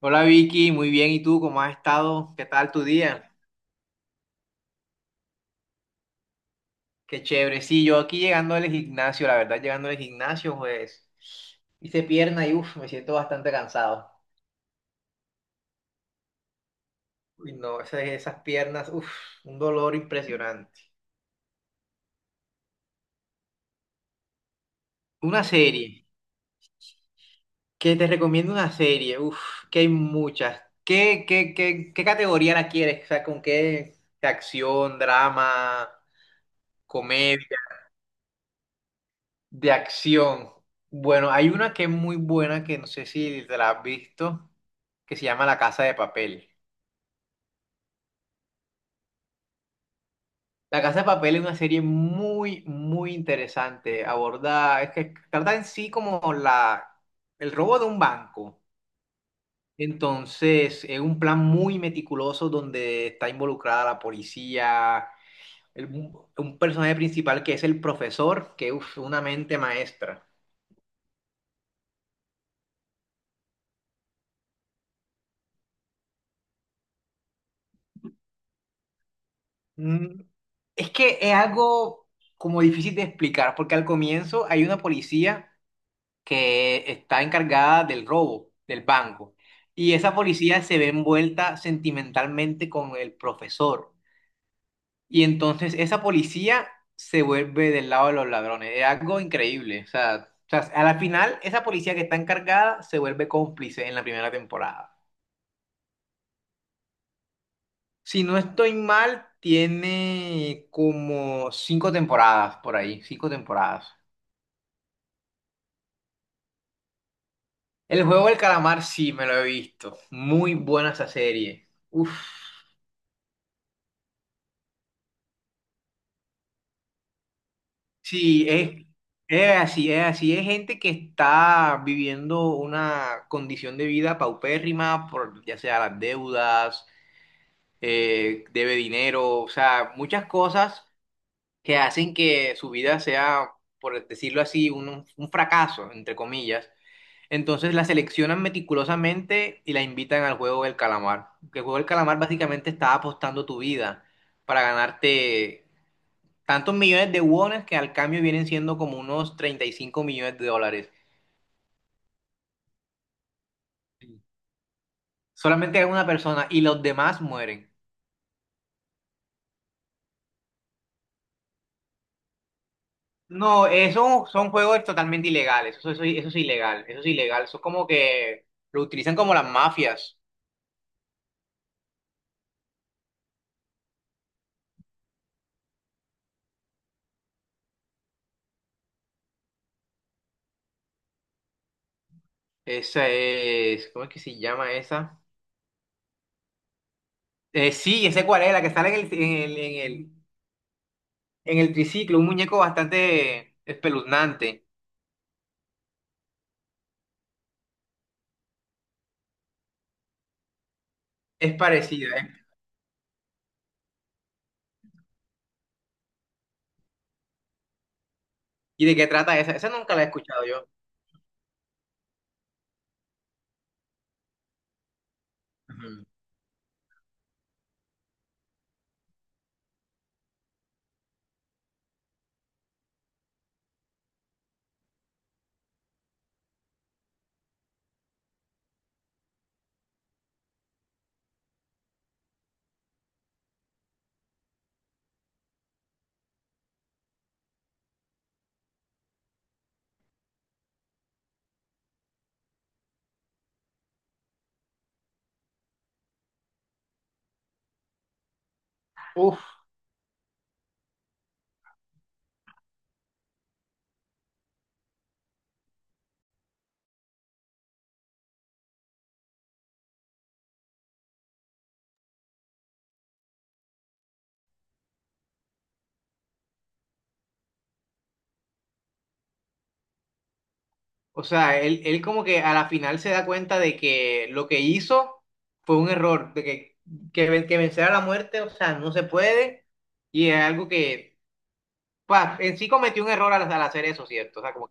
Hola Vicky, muy bien. ¿Y tú cómo has estado? ¿Qué tal tu día? Qué chévere. Sí, yo aquí llegando al gimnasio, la verdad, llegando al gimnasio, pues hice pierna y uff, me siento bastante cansado. Uy, no, esas piernas, uff, un dolor impresionante. Una serie, que te recomiendo una serie, uff, que hay muchas. ¿Qué categoría la quieres? O sea, ¿con qué? ¿De acción, drama, comedia? De acción. Bueno, hay una que es muy buena que no sé si te la has visto, que se llama La Casa de Papel. La Casa de Papel es una serie muy, muy interesante. Es que trata en sí como el robo de un banco. Entonces, es un plan muy meticuloso donde está involucrada la policía, un personaje principal que es el profesor, que es una mente maestra. Mm, Es que es algo como difícil de explicar, porque al comienzo hay una policía que está encargada del robo del banco. Y esa policía se ve envuelta sentimentalmente con el profesor. Y entonces esa policía se vuelve del lado de los ladrones. Es algo increíble. O sea, a la final, esa policía que está encargada se vuelve cómplice en la primera temporada. Si no estoy mal, tiene como cinco temporadas por ahí, cinco temporadas. El juego del calamar sí me lo he visto. Muy buena esa serie. Uf. Sí, es así, es así. Es gente que está viviendo una condición de vida paupérrima, por, ya sea las deudas, debe dinero, o sea, muchas cosas que hacen que su vida sea, por decirlo así, un fracaso, entre comillas. Entonces la seleccionan meticulosamente y la invitan al juego del calamar. Que el juego del calamar básicamente está apostando tu vida para ganarte tantos millones de wones que al cambio vienen siendo como unos 35 millones de dólares. Solamente hay una persona y los demás mueren. No, eso son juegos totalmente ilegales. Eso es ilegal. Eso es ilegal. Eso es como que lo utilizan como las mafias. Esa es. ¿Cómo es que se llama esa? Sí, ese cuál es, la que sale en el, en el, en el, en el triciclo. Un muñeco bastante espeluznante. Es parecida, ¿eh? ¿Y de qué trata esa? Esa nunca la he escuchado yo. Ujú. O sea, él como que a la final se da cuenta de que lo que hizo fue un error, de que vencer a la muerte, o sea, no se puede, y es algo que, pa, en sí cometió un error al, al hacer eso, ¿cierto? O sea, como,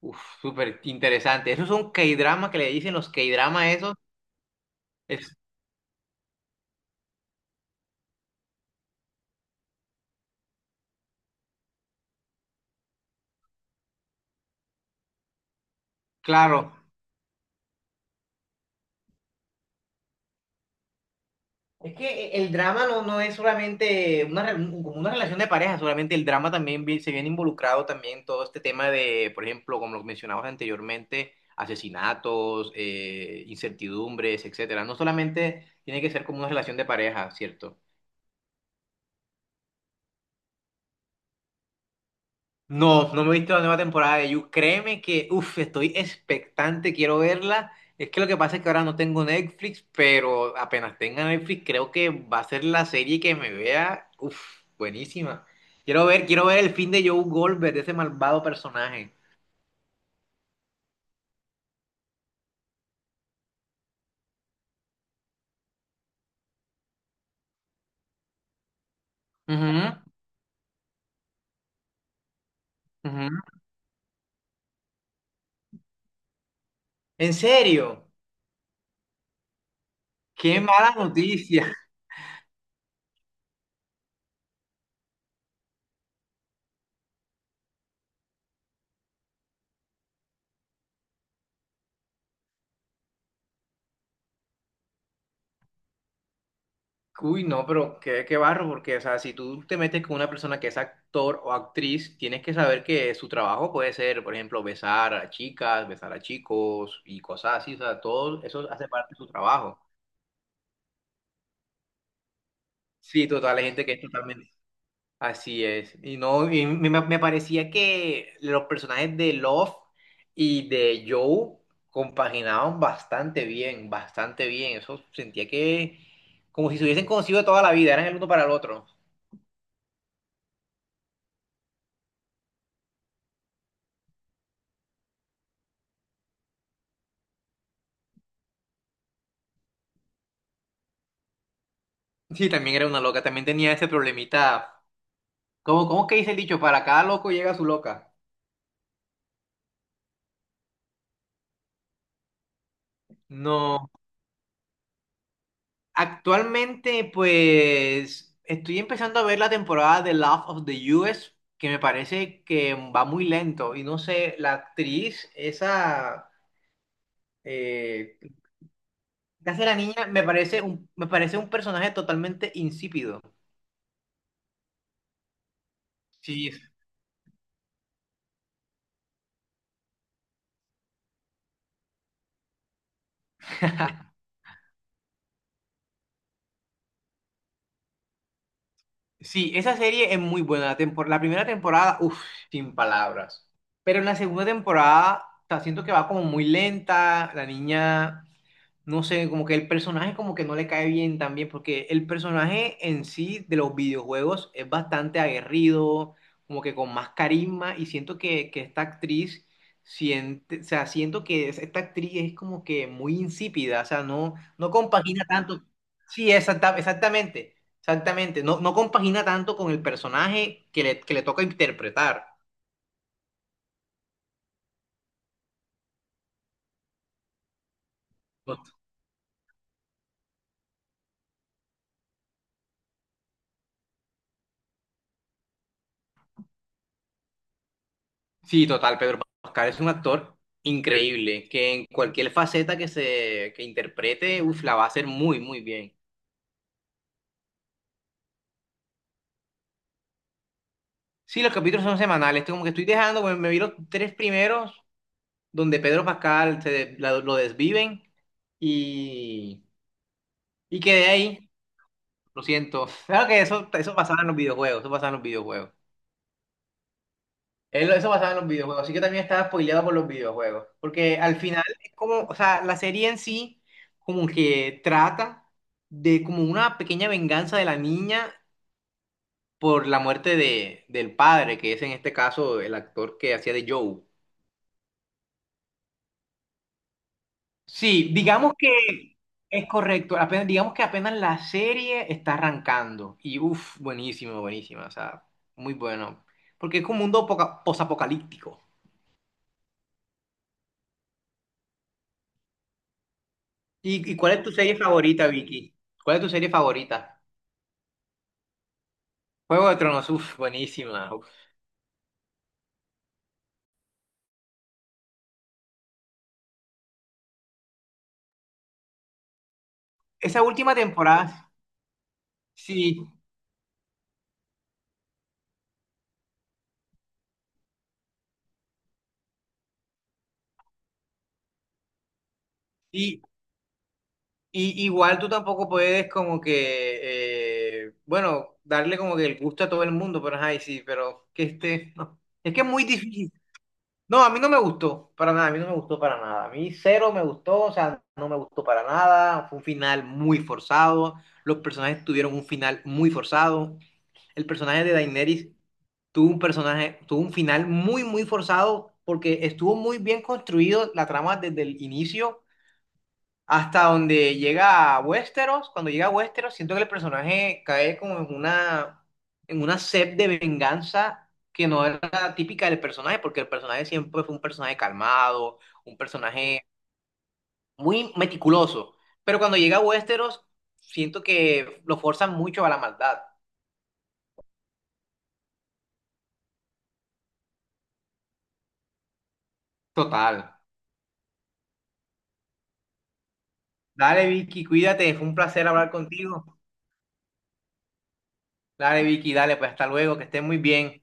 uff, súper interesante. Esos son K-dramas que le dicen los K-dramas esos, es claro. Es que el drama no es solamente como una relación de pareja, solamente el drama también se viene involucrado también todo este tema de, por ejemplo, como lo mencionabas anteriormente, asesinatos, incertidumbres, etcétera. No solamente tiene que ser como una relación de pareja, ¿cierto? No, no me he visto la nueva temporada de You. Créeme que, uff, estoy expectante, quiero verla. Es que lo que pasa es que ahora no tengo Netflix, pero apenas tenga Netflix, creo que va a ser la serie que me vea, uff, buenísima. Quiero ver el fin de Joe Goldberg, de ese malvado personaje. Ujú, ujú. ¿En serio? ¡Qué mala noticia! Uy, no, pero qué, qué barro, porque, o sea, si tú te metes con una persona que es actor o actriz, tienes que saber que su trabajo puede ser, por ejemplo, besar a chicas, besar a chicos y cosas así, o sea, todo eso hace parte de su trabajo. Sí, total, hay gente que es totalmente... Así es. Y no, y me parecía que los personajes de Love y de Joe compaginaban bastante bien, bastante bien. Eso sentía que como si se hubiesen conocido de toda la vida, eran el uno para el otro. Sí, también era una loca, también tenía ese problemita. ¿Cómo, cómo que dice el dicho? Para cada loco llega su loca. No. Actualmente, pues, estoy empezando a ver la temporada de Love of the US, que me parece que va muy lento. Y no sé, la actriz, esa eh, que hace la niña, me parece un personaje totalmente insípido. Sí, sí, esa serie es muy buena. La primera temporada, uff, sin palabras. Pero en la segunda temporada, o sea, siento que va como muy lenta. La niña no sé, como que el personaje como que no le cae bien también, porque el personaje en sí de los videojuegos es bastante aguerrido, como que con más carisma, y siento que, esta actriz, o sea, siento que esta actriz es como que muy insípida, o sea, no compagina tanto. Sí, exactamente, exactamente, no compagina tanto con el personaje que le toca interpretar. Sí, total, Pedro Pascal es un actor increíble, que en cualquier faceta que interprete, uf, la va a hacer muy, muy bien. Sí, los capítulos son semanales, esto como que estoy dejando, me vi los tres primeros, donde Pedro Pascal lo desviven y, y quedé ahí, lo siento. Claro que eso pasaba en los videojuegos, eso pasaba en los videojuegos. Él, eso basado en los videojuegos, así que también estaba spoileado por los videojuegos, porque al final es como, o sea, la serie en sí como que trata de como una pequeña venganza de la niña por la muerte del padre, que es en este caso el actor que hacía de Joe. Sí, digamos que es correcto, apenas, digamos que apenas la serie está arrancando y uff, buenísimo, buenísima, o sea, muy bueno, porque es como un mundo posapocalíptico. ¿Y cuál es tu serie favorita, Vicky? ¿Cuál es tu serie favorita? Juego de Tronos, uf, buenísima. Uf. Esa última temporada, sí, y, y igual tú tampoco puedes como que, bueno, darle como que el gusto a todo el mundo, pero ay, sí, pero que este, no. Es que es muy difícil. No, a mí no me gustó, para nada, a mí no me gustó para nada. A mí cero me gustó, o sea, no me gustó para nada. Fue un final muy forzado, los personajes tuvieron un final muy forzado. El personaje de Daenerys tuvo un personaje, tuvo un final muy, muy forzado porque estuvo muy bien construido la trama desde el inicio hasta donde llega a Westeros. Cuando llega a Westeros, siento que el personaje cae como en una sed de venganza que no era típica del personaje, porque el personaje siempre fue un personaje calmado, un personaje muy meticuloso. Pero cuando llega a Westeros, siento que lo forzan mucho a la maldad. Total. Dale, Vicky, cuídate, fue un placer hablar contigo. Dale, Vicky, dale, pues hasta luego, que estén muy bien.